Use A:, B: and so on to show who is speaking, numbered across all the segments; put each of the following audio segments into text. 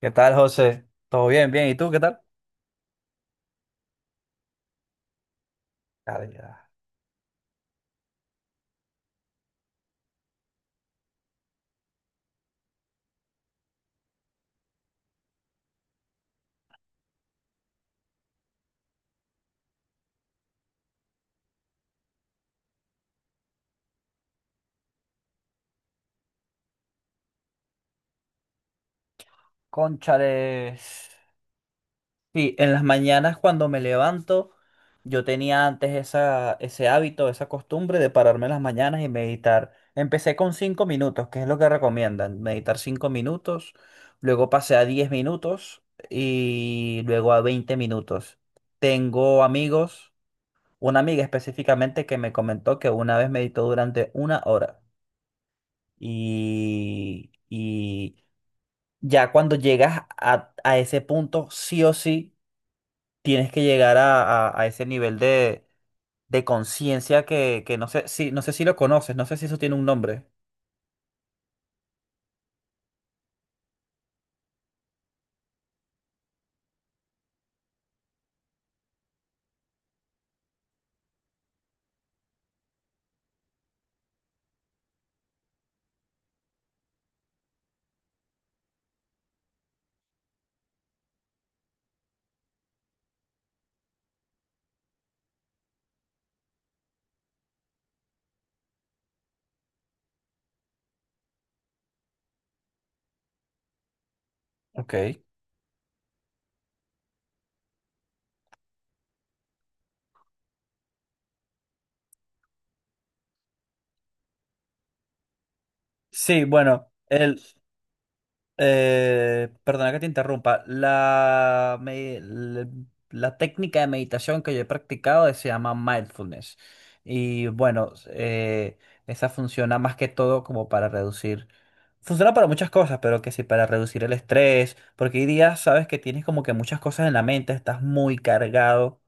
A: ¿Qué tal, José? ¿Todo bien? Bien. ¿Y tú qué tal? Calidad. Cónchales. Sí, en las mañanas cuando me levanto, yo tenía antes ese hábito, esa costumbre de pararme en las mañanas y meditar. Empecé con 5 minutos, que es lo que recomiendan, meditar 5 minutos, luego pasé a 10 minutos y luego a 20 minutos. Tengo amigos, una amiga específicamente que me comentó que una vez meditó durante 1 hora y ya cuando llegas a ese punto, sí o sí, tienes que llegar a ese nivel de conciencia que no sé si lo conoces, no sé si eso tiene un nombre. Ok. Sí, bueno, perdona que te interrumpa. La técnica de meditación que yo he practicado se llama mindfulness. Y bueno, esa funciona más que todo como para reducir. Funciona para muchas cosas, pero que sí, para reducir el estrés. Porque hoy día sabes que tienes como que muchas cosas en la mente, estás muy cargado.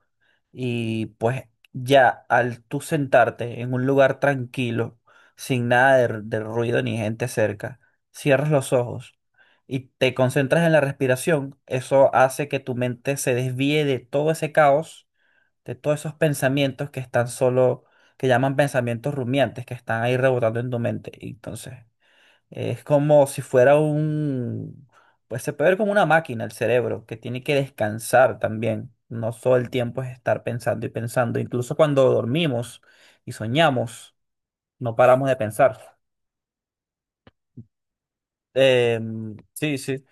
A: Y pues ya al tú sentarte en un lugar tranquilo, sin nada de ruido ni gente cerca, cierras los ojos y te concentras en la respiración, eso hace que tu mente se desvíe de todo ese caos, de todos esos pensamientos que están solo, que llaman pensamientos rumiantes, que están ahí rebotando en tu mente. Y entonces es como si fuera un, pues se puede ver como una máquina el cerebro, que tiene que descansar también. No todo el tiempo es estar pensando y pensando. Incluso cuando dormimos y soñamos, no paramos de pensar. Sí, sí,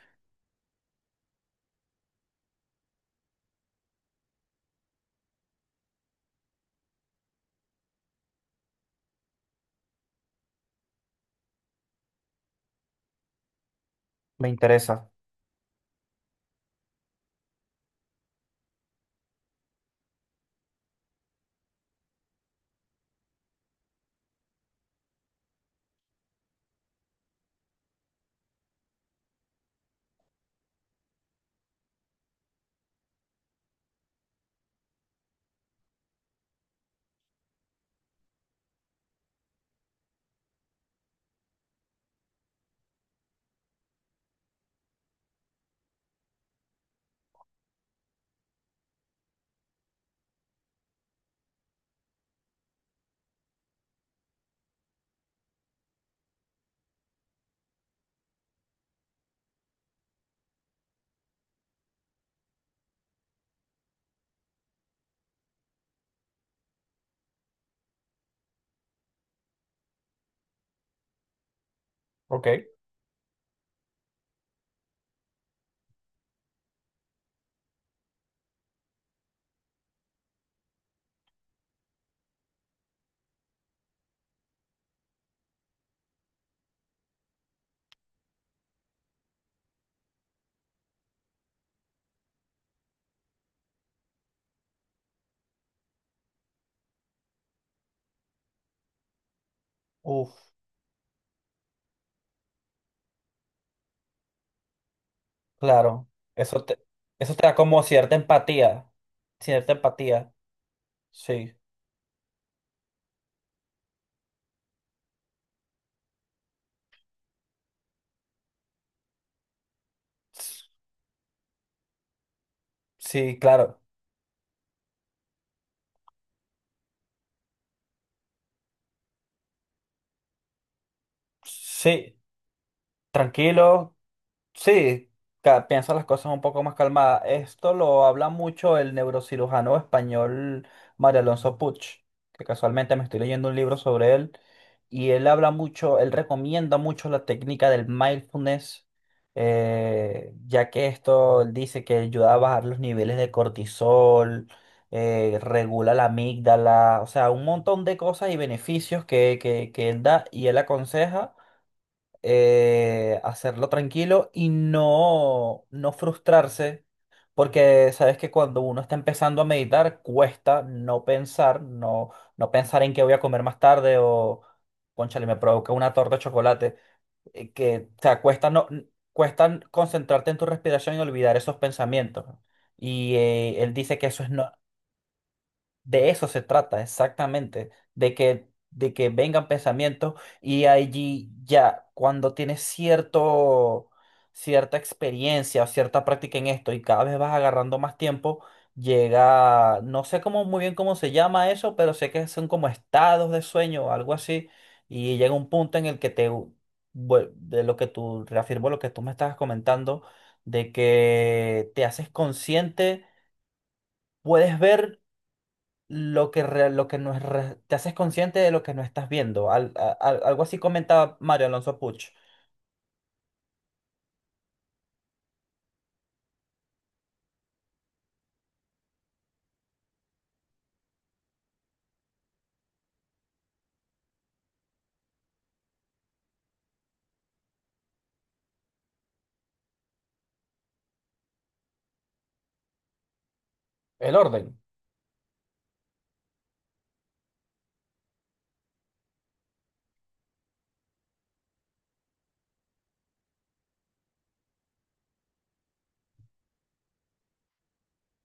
A: me interesa. Ok. Uf, claro. Eso te, eso te da como cierta empatía. Cierta empatía. Sí. Sí, claro. Sí. Tranquilo. Sí, piensa las cosas un poco más calmadas. Esto lo habla mucho el neurocirujano español María Alonso Puig, que casualmente me estoy leyendo un libro sobre él, y él habla mucho, él recomienda mucho la técnica del mindfulness, ya que esto él dice que ayuda a bajar los niveles de cortisol, regula la amígdala, o sea, un montón de cosas y beneficios que él da y él aconseja, hacerlo tranquilo y no frustrarse, porque sabes que cuando uno está empezando a meditar, cuesta no pensar, no pensar en qué voy a comer más tarde o, cónchale, me provoca una torta de chocolate, que, o sea, cuesta, no, n- cuesta concentrarte en tu respiración y olvidar esos pensamientos. Y él dice que eso es no, de eso se trata exactamente, de que vengan pensamientos y allí ya cuando tienes cierta experiencia o cierta práctica en esto y cada vez vas agarrando más tiempo, llega, no sé cómo, muy bien cómo se llama eso, pero sé que son como estados de sueño o algo así y llega un punto en el que de lo que tú, reafirmo lo que tú me estabas comentando, de que te haces consciente, puedes ver lo que no es re- te haces consciente de lo que no estás viendo. Algo así comentaba Mario Alonso Puch. El orden.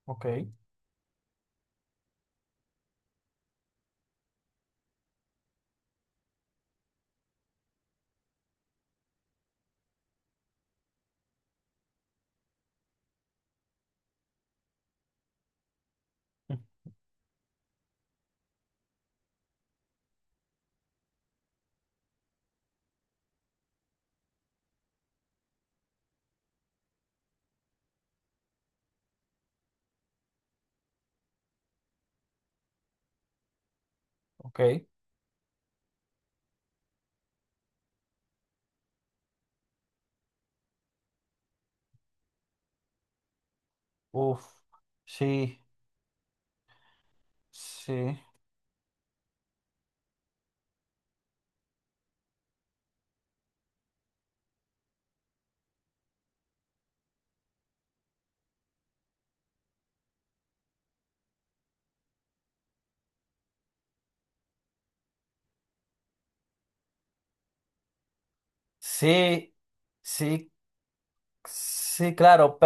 A: Ok, ok. Uf, sí, sí, sí, sí, sí, claro.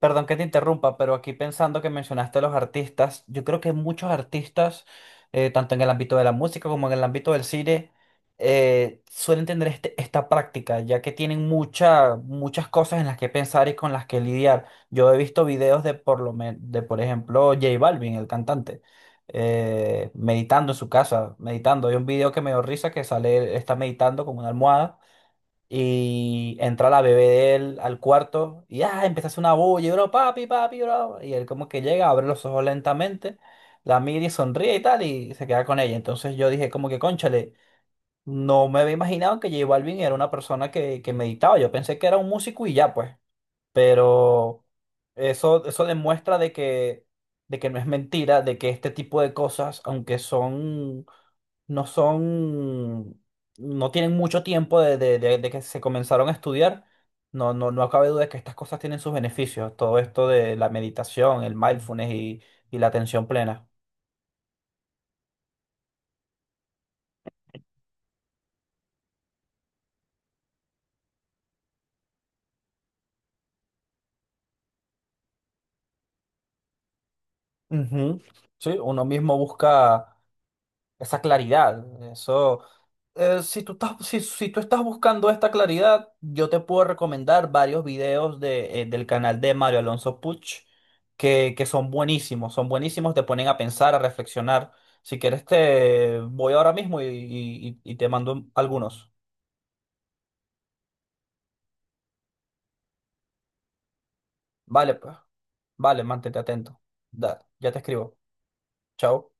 A: Perdón que te interrumpa, pero aquí pensando que mencionaste a los artistas, yo creo que muchos artistas, tanto en el ámbito de la música como en el ámbito del cine, suelen tener esta práctica, ya que tienen muchas cosas en las que pensar y con las que lidiar. Yo he visto videos de por ejemplo, J Balvin, el cantante, meditando en su casa, meditando. Hay un video que me dio risa que sale, él está meditando con una almohada y entra la bebé de él al cuarto y ah, empieza a hacer una bulla, y bro, papi, papi, bro. Y él como que llega, abre los ojos lentamente, la mira y sonríe y tal, y se queda con ella. Entonces yo dije como que, cónchale, no me había imaginado que J Balvin era una persona que meditaba. Yo pensé que era un músico y ya, pues. Pero eso demuestra de que no es mentira, de que este tipo de cosas, aunque son, no tienen mucho tiempo de que se comenzaron a estudiar, no cabe duda de que estas cosas tienen sus beneficios. Todo esto de la meditación, el mindfulness y la atención plena. Ujú. Sí, uno mismo busca esa claridad. Eso. Si tú estás buscando esta claridad, yo te puedo recomendar varios videos del canal de Mario Alonso Puch que son buenísimos, te ponen a pensar, a reflexionar. Si quieres, te voy ahora mismo y te mando algunos. Vale, pues. Vale, mantente atento. Da, ya te escribo. Chao.